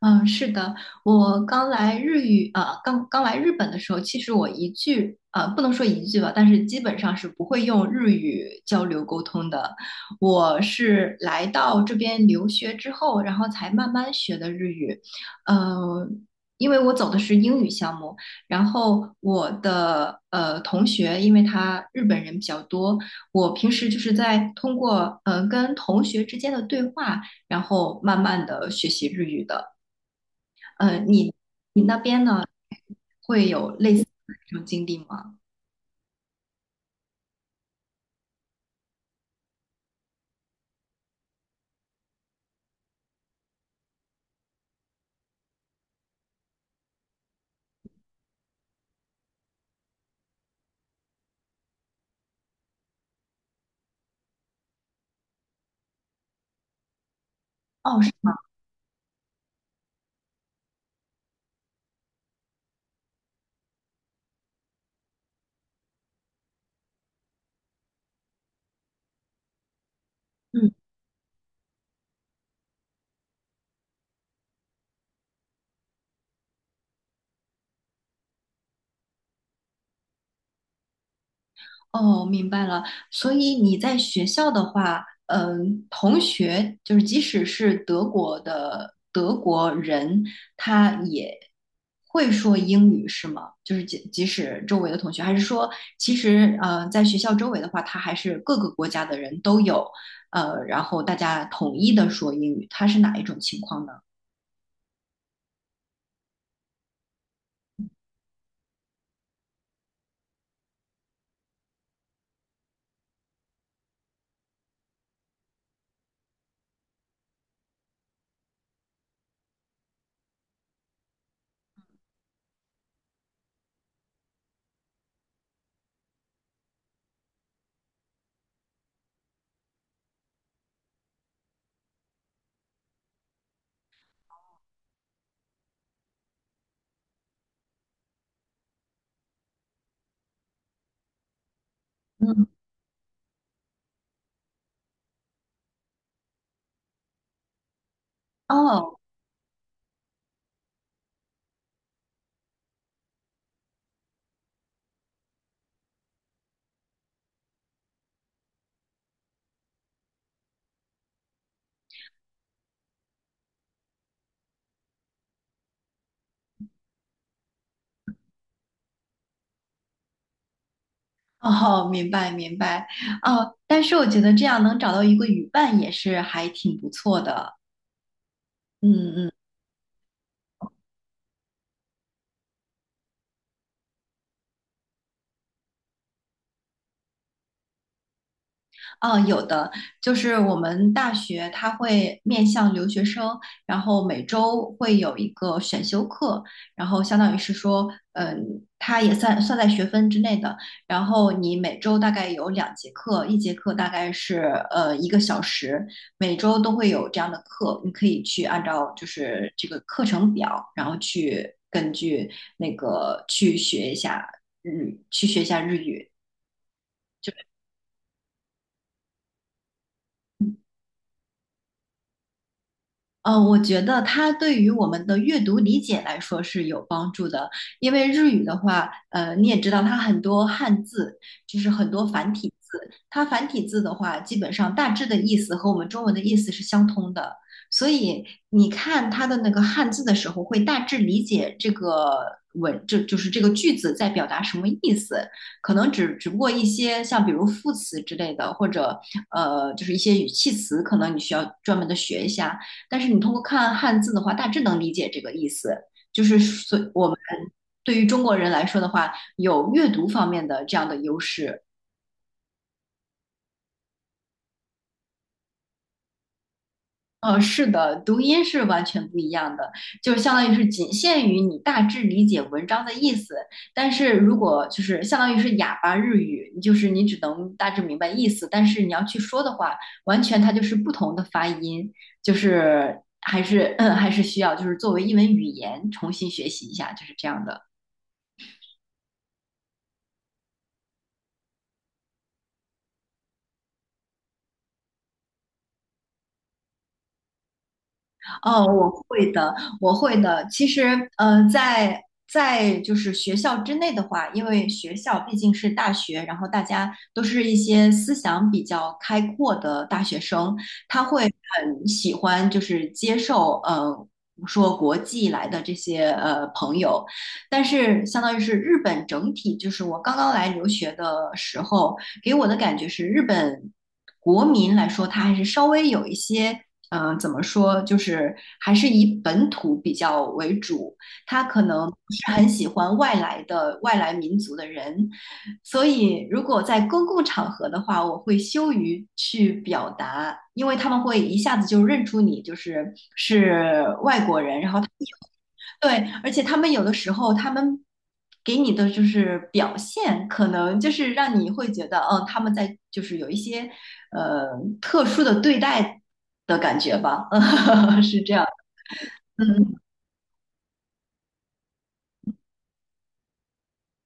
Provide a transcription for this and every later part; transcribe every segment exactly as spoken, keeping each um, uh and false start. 嗯，是的，我刚来日语，呃，刚刚来日本的时候，其实我一句，呃，不能说一句吧，但是基本上是不会用日语交流沟通的。我是来到这边留学之后，然后才慢慢学的日语，呃，因为我走的是英语项目，然后我的呃同学，因为他日本人比较多，我平时就是在通过呃跟同学之间的对话，然后慢慢的学习日语的。呃，你你那边呢会有类似的这种经历吗？哦，是吗？嗯，哦，明白了。所以你在学校的话，嗯、同学就是即使是德国的德国人，他也会说英语是吗？就是即即使周围的同学，还是说其实呃，在学校周围的话，他还是各个国家的人都有，呃，然后大家统一的说英语，他是哪一种情况呢？嗯，哦。哦，明白明白，哦，但是我觉得这样能找到一个语伴也是还挺不错的，嗯嗯。啊，有的，就是我们大学它会面向留学生，然后每周会有一个选修课，然后相当于是说，嗯，它也算算在学分之内的。然后你每周大概有两节课，一节课大概是呃一个小时，每周都会有这样的课，你可以去按照就是这个课程表，然后去根据那个去学一下日，去学一下日语。呃，我觉得它对于我们的阅读理解来说是有帮助的，因为日语的话，呃，你也知道它很多汉字，就是很多繁体字，它繁体字的话，基本上大致的意思和我们中文的意思是相通的，所以你看它的那个汉字的时候，会大致理解这个文，这就是这个句子在表达什么意思，可能只只不过一些像比如副词之类的，或者呃，就是一些语气词，可能你需要专门的学一下。但是你通过看汉字的话，大致能理解这个意思。就是所我们对于中国人来说的话，有阅读方面的这样的优势。呃，是的，读音是完全不一样的，就是相当于是仅限于你大致理解文章的意思。但是如果就是相当于是哑巴日语，就是你只能大致明白意思，但是你要去说的话，完全它就是不同的发音，就是还是嗯还是需要就是作为一门语言重新学习一下，就是这样的。哦，我会的，我会的。其实，呃，在在就是学校之内的话，因为学校毕竟是大学，然后大家都是一些思想比较开阔的大学生，他会很喜欢就是接受呃说国际来的这些呃朋友，但是相当于是日本整体，就是我刚刚来留学的时候，给我的感觉是日本国民来说，他还是稍微有一些嗯、呃怎么说，就是还是以本土比较为主，他可能不是很喜欢外来的外来民族的人，所以如果在公共场合的话，我会羞于去表达，因为他们会一下子就认出你就是是外国人，然后。对，而且他们有的时候，他们给你的就是表现，可能就是让你会觉得，嗯，他们在就是有一些呃特殊的对待的感觉吧，嗯，是这样的，嗯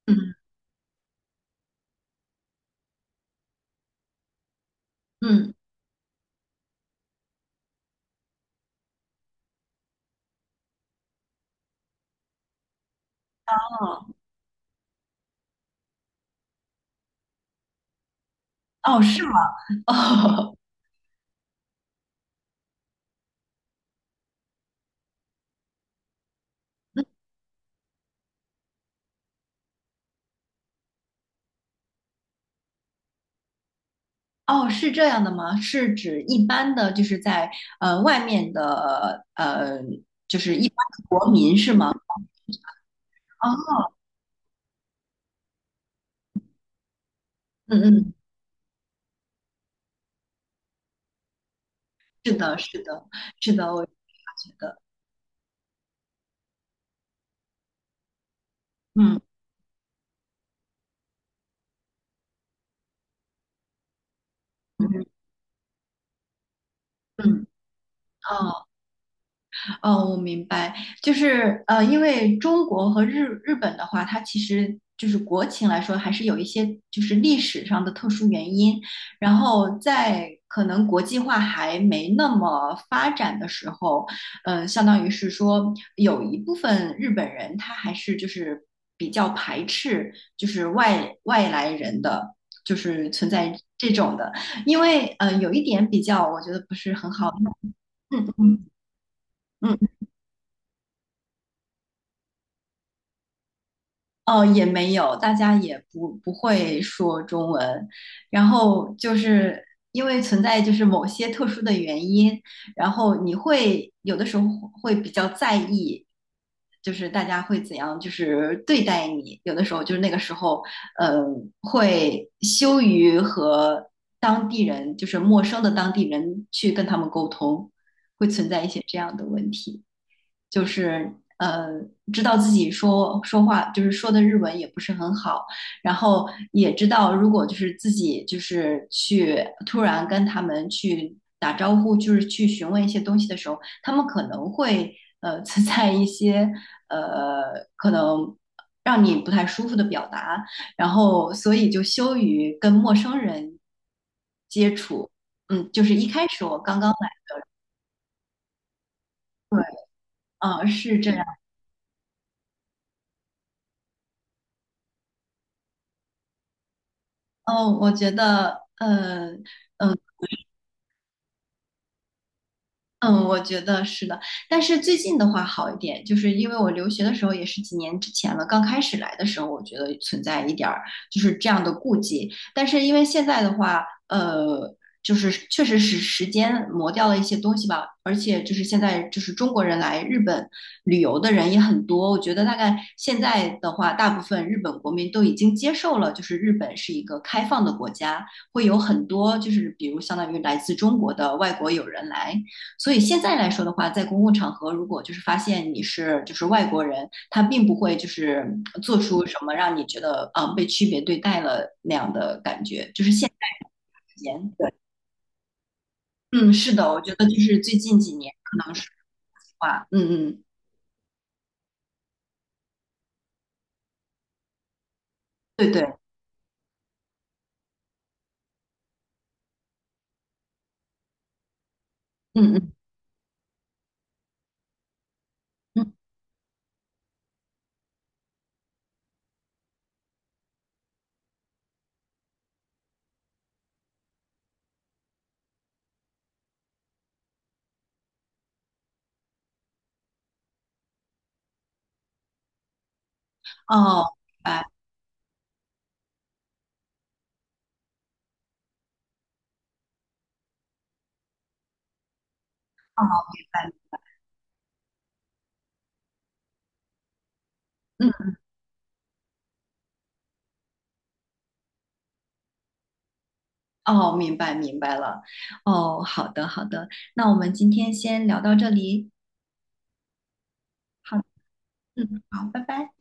嗯嗯，嗯哦，是吗？哦哦，是这样的吗？是指一般的，就是在呃外面的呃，就是一般的国民是吗？啊，嗯嗯，是的，是的，是的，我也觉得，嗯嗯嗯，哦。哦，我明白，就是呃，因为中国和日日本的话，它其实就是国情来说，还是有一些就是历史上的特殊原因，然后在可能国际化还没那么发展的时候，嗯、相当于是说有一部分日本人他还是就是比较排斥就是外外来人的，就是存在这种的，因为呃有一点比较，我觉得不是很好，嗯嗯嗯。哦，也没有，大家也不不会说中文，然后就是因为存在就是某些特殊的原因，然后你会有的时候会比较在意，就是大家会怎样就是对待你，有的时候就是那个时候，嗯，会羞于和当地人，就是陌生的当地人去跟他们沟通，会存在一些这样的问题。就是呃，知道自己说说话就是说的日文也不是很好，然后也知道如果就是自己就是去突然跟他们去打招呼，就是去询问一些东西的时候，他们可能会呃存在一些呃可能。让你不太舒服的表达，然后所以就羞于跟陌生人接触。嗯，就是一开始我刚刚来，对，嗯，是这样。嗯，我觉得，嗯嗯、呃嗯，我觉得是的，但是最近的话好一点，就是因为我留学的时候也是几年之前了，刚开始来的时候，我觉得存在一点儿就是这样的顾忌，但是因为现在的话，呃，就是确实是时间磨掉了一些东西吧，而且就是现在就是中国人来日本旅游的人也很多，我觉得大概现在的话，大部分日本国民都已经接受了，就是日本是一个开放的国家，会有很多就是比如相当于来自中国的外国友人来。所以现在来说的话，在公共场合，如果就是发现你是就是外国人，他并不会就是做出什么让你觉得啊、呃被区别对待了那样的感觉，就是现在之间，对，嗯，是的，我觉得就是最近几年可能是话，嗯嗯，对对，嗯嗯嗯，哦，明白，哦，明白，嗯，哦，明白明白了，哦，好的好的，那我们今天先聊到这里，好，嗯，好，拜拜。